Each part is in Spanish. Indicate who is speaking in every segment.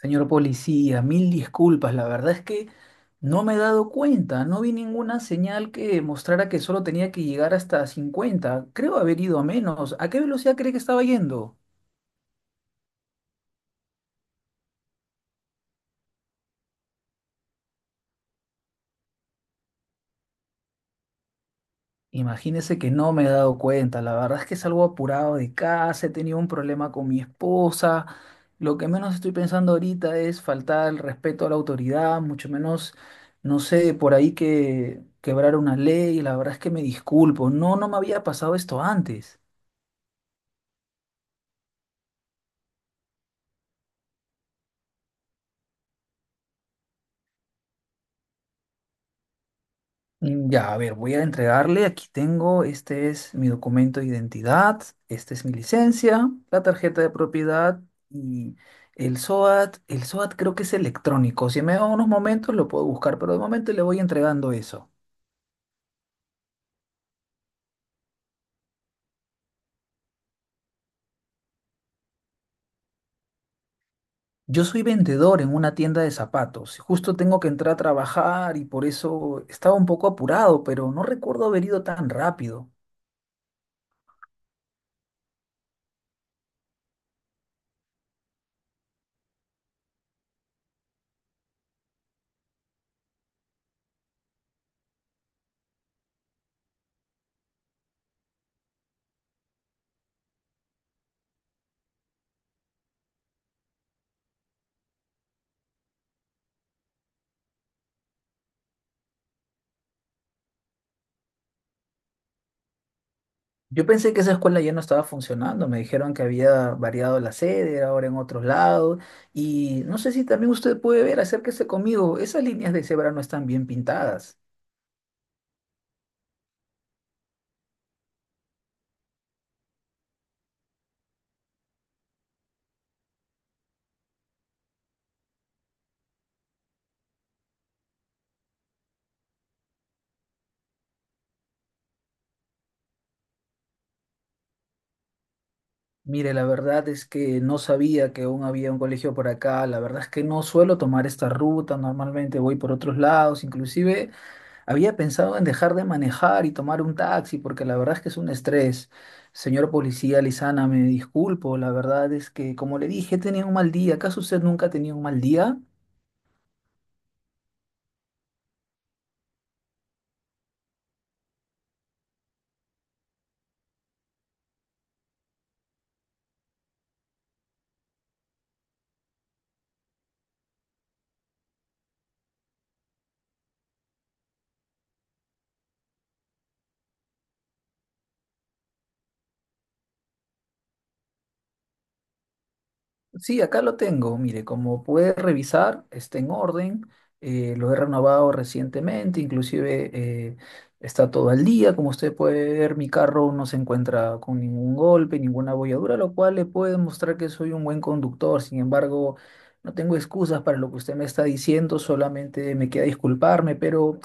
Speaker 1: Señor policía, mil disculpas. La verdad es que no me he dado cuenta. No vi ninguna señal que mostrara que solo tenía que llegar hasta 50. Creo haber ido a menos. ¿A qué velocidad cree que estaba yendo? Imagínese que no me he dado cuenta. La verdad es que salgo apurado de casa. He tenido un problema con mi esposa. Lo que menos estoy pensando ahorita es faltar el respeto a la autoridad, mucho menos, no sé, por ahí que quebrar una ley. La verdad es que me disculpo. No, no me había pasado esto antes. Mm, ya, a ver, voy a entregarle. Aquí tengo, este es mi documento de identidad, esta es mi licencia, la tarjeta de propiedad y el SOAT. El SOAT creo que es electrónico. Si me da unos momentos lo puedo buscar, pero de momento le voy entregando eso. Yo soy vendedor en una tienda de zapatos. Justo tengo que entrar a trabajar y por eso estaba un poco apurado, pero no recuerdo haber ido tan rápido. Yo pensé que esa escuela ya no estaba funcionando, me dijeron que había variado la sede, era ahora en otros lados, y no sé si también usted puede ver, acérquese conmigo, esas líneas de cebra no están bien pintadas. Mire, la verdad es que no sabía que aún había un colegio por acá, la verdad es que no suelo tomar esta ruta, normalmente voy por otros lados, inclusive había pensado en dejar de manejar y tomar un taxi porque la verdad es que es un estrés. Señor policía Lizana, me disculpo, la verdad es que, como le dije, tenía un mal día. ¿Acaso usted nunca ha tenido un mal día? Sí, acá lo tengo. Mire, como puede revisar, está en orden. Lo he renovado recientemente, inclusive eh, está todo al día. Como usted puede ver, mi carro no se encuentra con ningún golpe, ninguna abolladura, lo cual le puede mostrar que soy un buen conductor. Sin embargo, no tengo excusas para lo que usted me está diciendo, solamente me queda disculparme, pero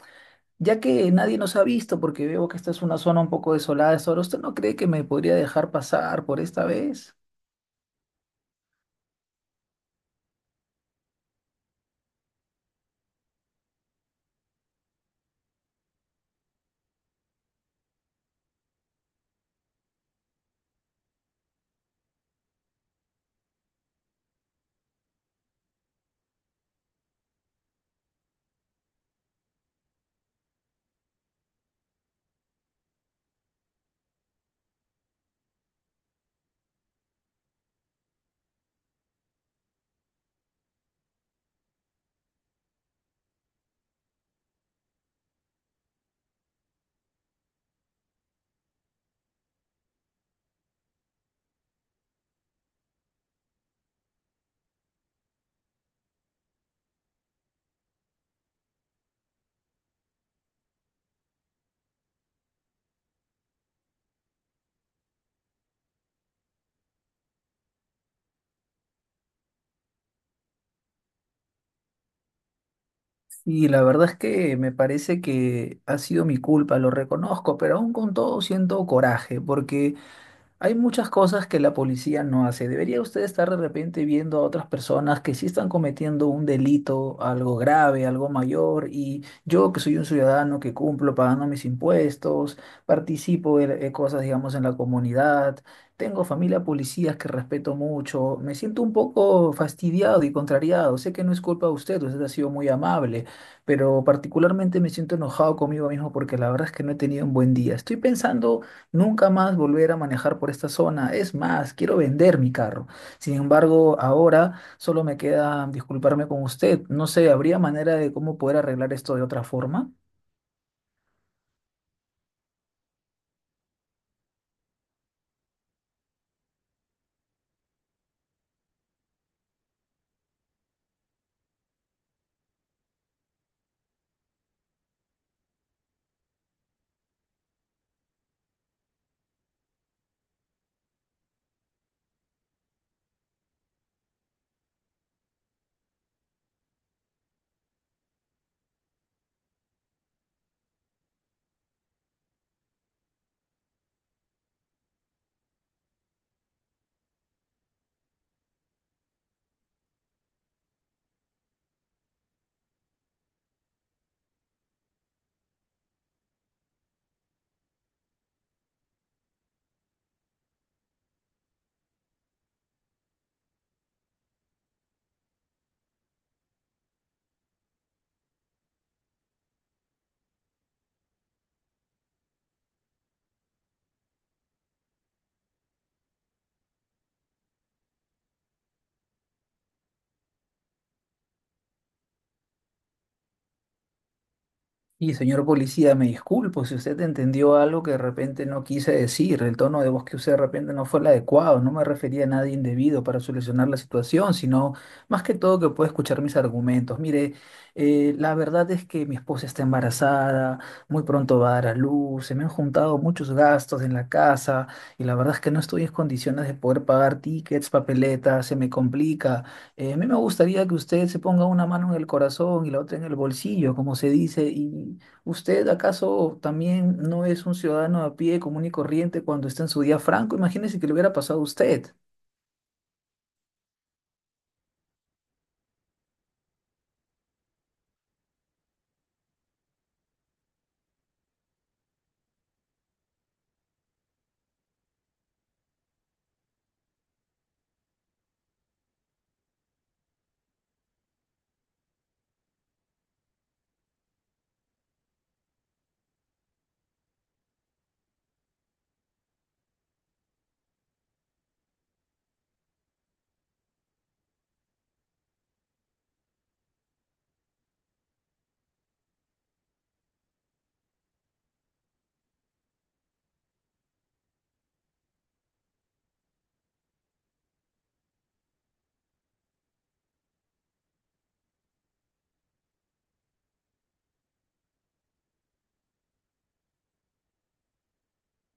Speaker 1: ya que nadie nos ha visto, porque veo que esta es una zona un poco desolada, ahora ¿usted no cree que me podría dejar pasar por esta vez? Y la verdad es que me parece que ha sido mi culpa, lo reconozco, pero aún con todo siento coraje, porque hay muchas cosas que la policía no hace. ¿Debería usted estar de repente viendo a otras personas que sí están cometiendo un delito, algo grave, algo mayor, y yo que soy un ciudadano que cumplo pagando mis impuestos, participo de cosas, digamos, en la comunidad, tengo familia policías que respeto mucho, me siento un poco fastidiado y contrariado? Sé que no es culpa de usted, usted ha sido muy amable, pero particularmente me siento enojado conmigo mismo porque la verdad es que no he tenido un buen día. Estoy pensando nunca más volver a manejar por esta zona. Es más, quiero vender mi carro. Sin embargo, ahora solo me queda disculparme con usted. No sé, ¿habría manera de cómo poder arreglar esto de otra forma? Y señor policía, me disculpo si usted entendió algo que de repente no quise decir. El tono de voz que usé de repente no fue el adecuado. No me refería a nada indebido para solucionar la situación, sino más que todo que pueda escuchar mis argumentos. Mire, la verdad es que mi esposa está embarazada, muy pronto va a dar a luz, se me han juntado muchos gastos en la casa y la verdad es que no estoy en condiciones de poder pagar tickets, papeletas, se me complica. A mí me gustaría que usted se ponga una mano en el corazón y la otra en el bolsillo, como se dice. ¿Y usted acaso también no es un ciudadano a pie común y corriente cuando está en su día franco? Imagínese que le hubiera pasado a usted.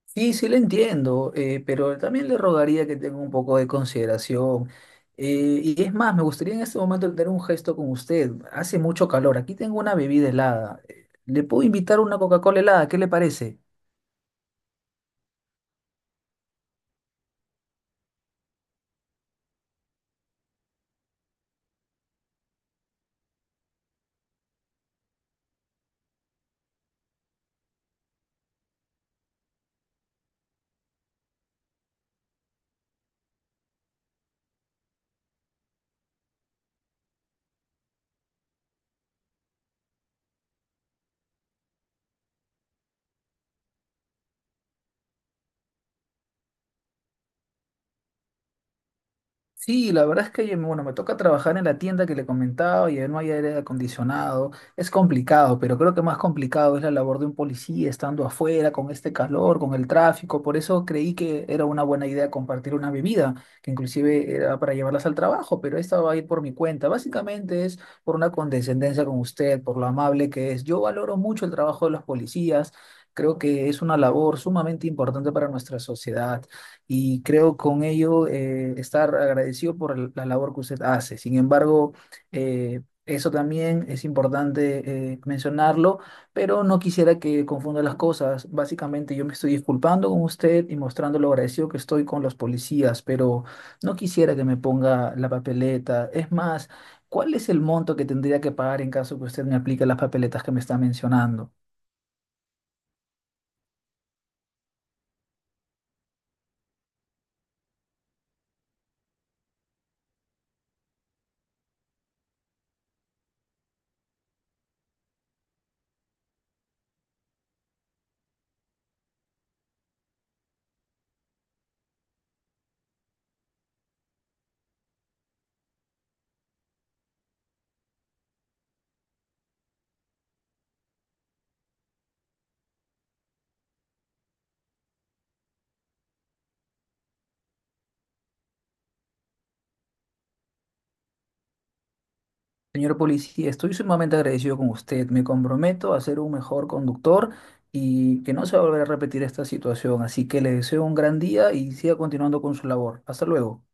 Speaker 1: Sí, sí le entiendo, pero también le rogaría que tenga un poco de consideración. Y es más, me gustaría en este momento tener un gesto con usted. Hace mucho calor. Aquí tengo una bebida helada. ¿Le puedo invitar una Coca-Cola helada? ¿Qué le parece? Sí, la verdad es que, oye, bueno, me toca trabajar en la tienda que le comentaba y ahí no hay aire acondicionado. Es complicado, pero creo que más complicado es la labor de un policía estando afuera con este calor, con el tráfico. Por eso creí que era una buena idea compartir una bebida, que inclusive era para llevarlas al trabajo, pero esta va a ir por mi cuenta. Básicamente es por una condescendencia con usted, por lo amable que es. Yo valoro mucho el trabajo de los policías. Creo que es una labor sumamente importante para nuestra sociedad y creo con ello estar agradecido por el- la labor que usted hace. Sin embargo, eso también es importante mencionarlo, pero no quisiera que confunda las cosas. Básicamente yo me estoy disculpando con usted y mostrando lo agradecido que estoy con los policías, pero no quisiera que me ponga la papeleta. Es más, ¿cuál es el monto que tendría que pagar en caso que usted me aplique las papeletas que me está mencionando? Señor policía, estoy sumamente agradecido con usted. Me comprometo a ser un mejor conductor y que no se va a volver a repetir esta situación. Así que le deseo un gran día y siga continuando con su labor. Hasta luego.